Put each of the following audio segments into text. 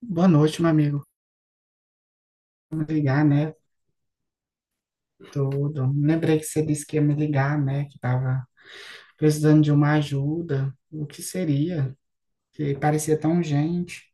Boa noite, meu amigo. Me ligar, né? Tudo. Lembrei que você disse que ia me ligar, né? Que estava precisando de uma ajuda. O que seria? Que parecia tão urgente.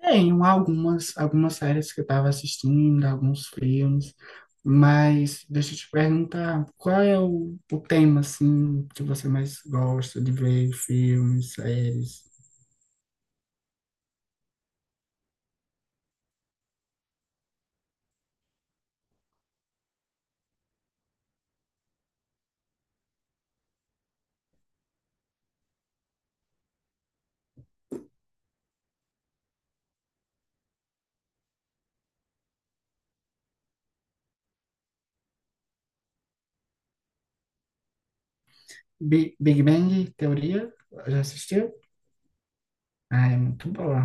Tem um, algumas séries que eu estava assistindo, alguns filmes, mas deixa eu te perguntar, qual é o tema, assim, que você mais gosta de ver, filmes, séries? Big Bang Teoria? Já assistiu? Ah, é muito boa.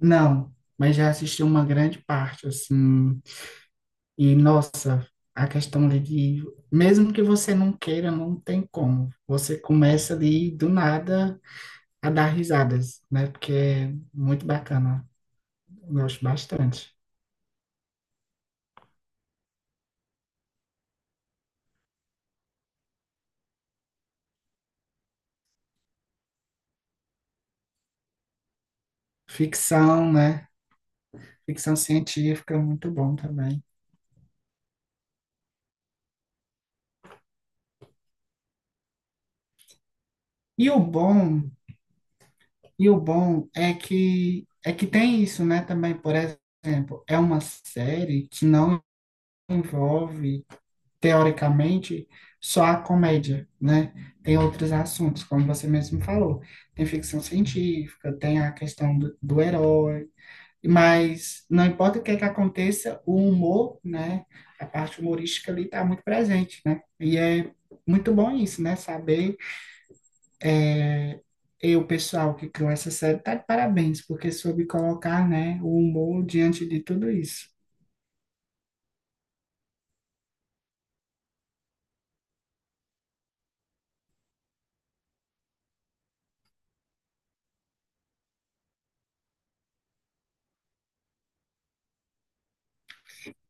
Não, mas já assisti uma grande parte, assim. E, nossa, a questão ali de. Mesmo que você não queira, não tem como. Você começa ali do nada a dar risadas, né? Porque é muito bacana. Eu gosto bastante. Ficção, né? Ficção científica, muito bom também. E o bom, e o bom é que tem isso, né? Também, por exemplo, é uma série que não envolve teoricamente, só a comédia, né? Tem outros assuntos, como você mesmo falou. Tem ficção científica, tem a questão do herói, mas não importa o que é que aconteça, o humor, né? A parte humorística ali está muito presente, né? E é muito bom isso, né? Saber é, e o pessoal que criou essa série tá de parabéns, porque soube colocar, né, o humor diante de tudo isso.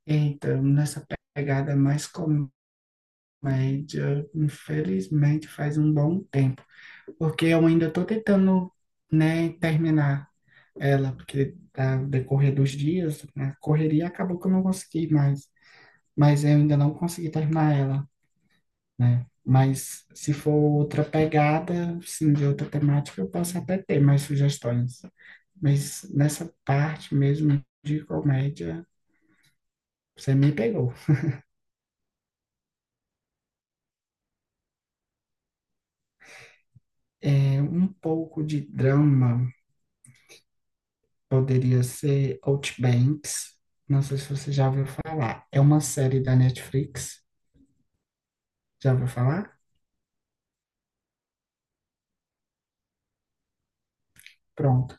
Então, nessa pegada mais com média, infelizmente faz um bom tempo, porque eu ainda estou tentando, né, terminar ela, porque ao decorrer dos dias, né, a correria acabou que eu não consegui mais, mas eu ainda não consegui terminar ela, né? Mas se for outra pegada, sim, de outra temática, eu posso até ter mais sugestões. Mas nessa parte mesmo de comédia, você me pegou. É um pouco de drama. Poderia ser Outbanks. Não sei se você já ouviu falar. É uma série da Netflix. Já ouviu falar? Pronto.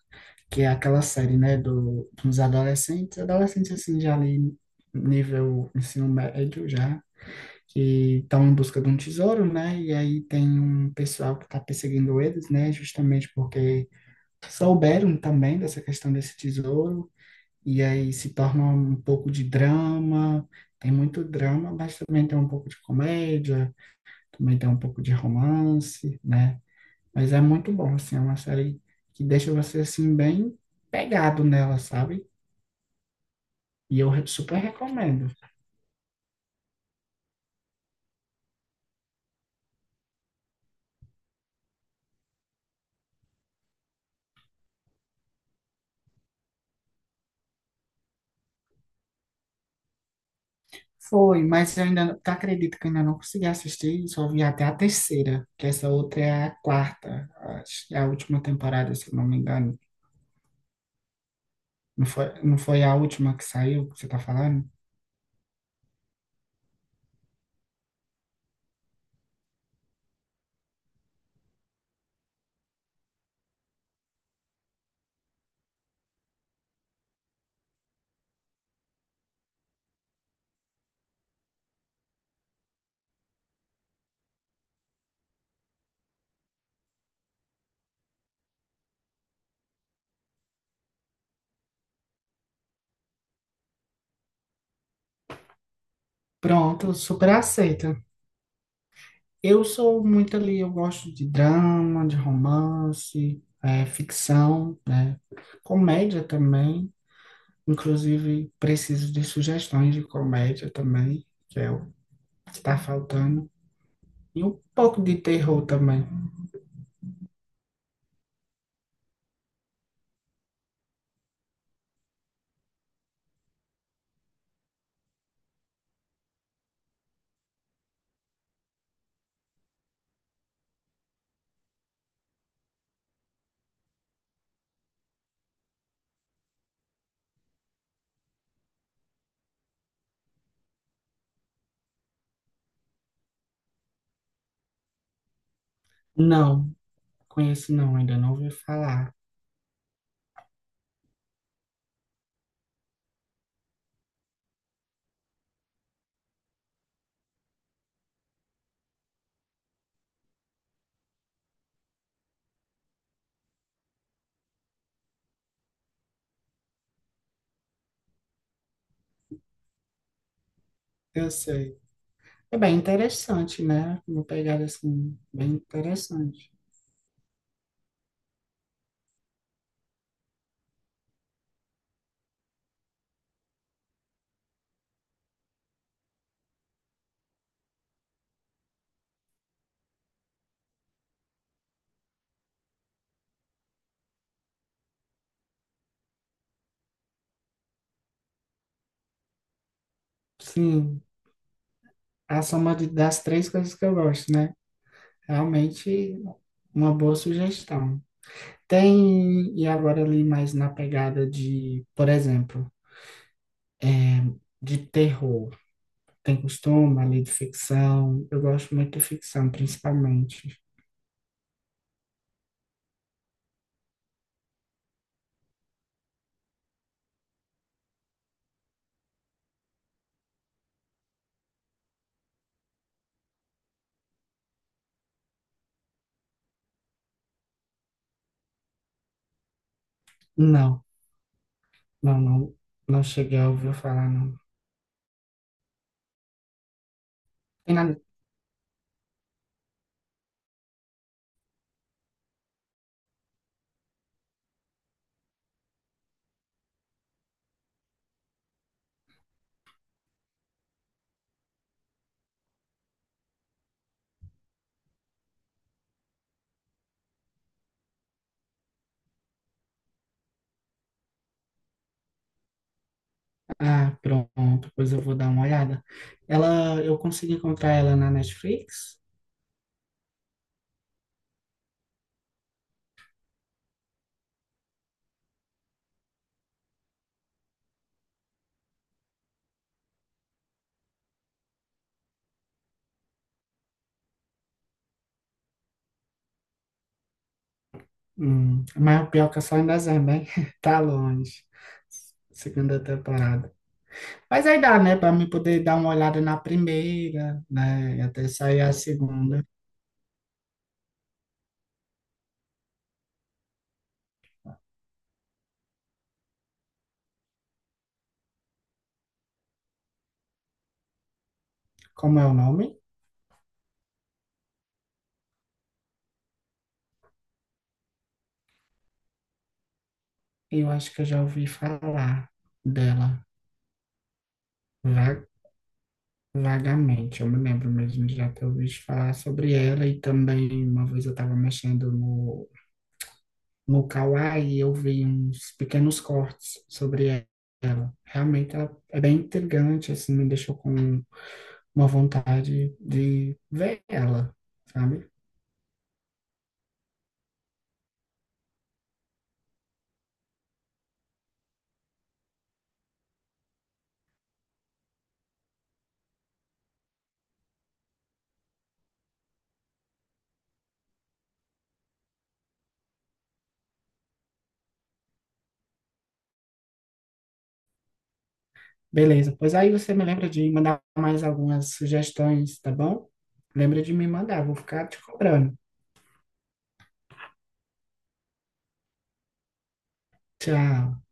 Que é aquela série, né, do, dos adolescentes. Adolescentes, assim, já ali nível ensino médio já. Que estão em busca de um tesouro, né? E aí tem um pessoal que está perseguindo eles, né? Justamente porque souberam também dessa questão desse tesouro. E aí se torna um pouco de drama. Tem muito drama, mas também tem um pouco de comédia também tem um pouco de romance, né? Mas é muito bom, assim, é uma série que deixa você, assim, bem pegado nela, sabe? E eu super recomendo. Foi, mas eu ainda, tu acredita que eu ainda não consegui assistir, só vi até a terceira, que essa outra é a quarta, acho que é a última temporada, se eu não me engano. Não foi a última que saiu, que você tá falando? Pronto, super aceito. Eu sou muito ali, eu gosto de drama, de romance, ficção, né? Comédia também. Inclusive, preciso de sugestões de comédia também, que é o que está faltando. E um pouco de terror também. Não, conheço não, ainda não ouvi falar. Eu sei. É bem interessante, né? Uma pegada assim, bem interessante. Sim, a soma das três coisas que eu gosto, né? Realmente, uma boa sugestão. Tem, e agora ali mais na pegada de, por exemplo, é, de terror. Tem costume ali de ficção. Eu gosto muito de ficção, principalmente. Não, não, não cheguei a ouvir falar, não. Tem nada. Ah, pronto, pois eu vou dar uma olhada. Ela, eu consegui encontrar ela na Netflix, mas o pior é que é só em dezembro, hein? Tá longe. Segunda temporada. Mas aí dá, né, para mim poder dar uma olhada na primeira, né, e até sair a segunda. Como é o nome? Eu acho que eu já ouvi falar dela va- vagamente. Eu me lembro mesmo de já ter ouvido falar sobre ela e também uma vez eu estava mexendo no no Kawaii e eu vi uns pequenos cortes sobre ela. Realmente ela é bem intrigante, assim, me deixou com uma vontade de ver ela, sabe? Beleza, pois aí você me lembra de mandar mais algumas sugestões, tá bom? Lembra de me mandar, vou ficar te cobrando. Tchau.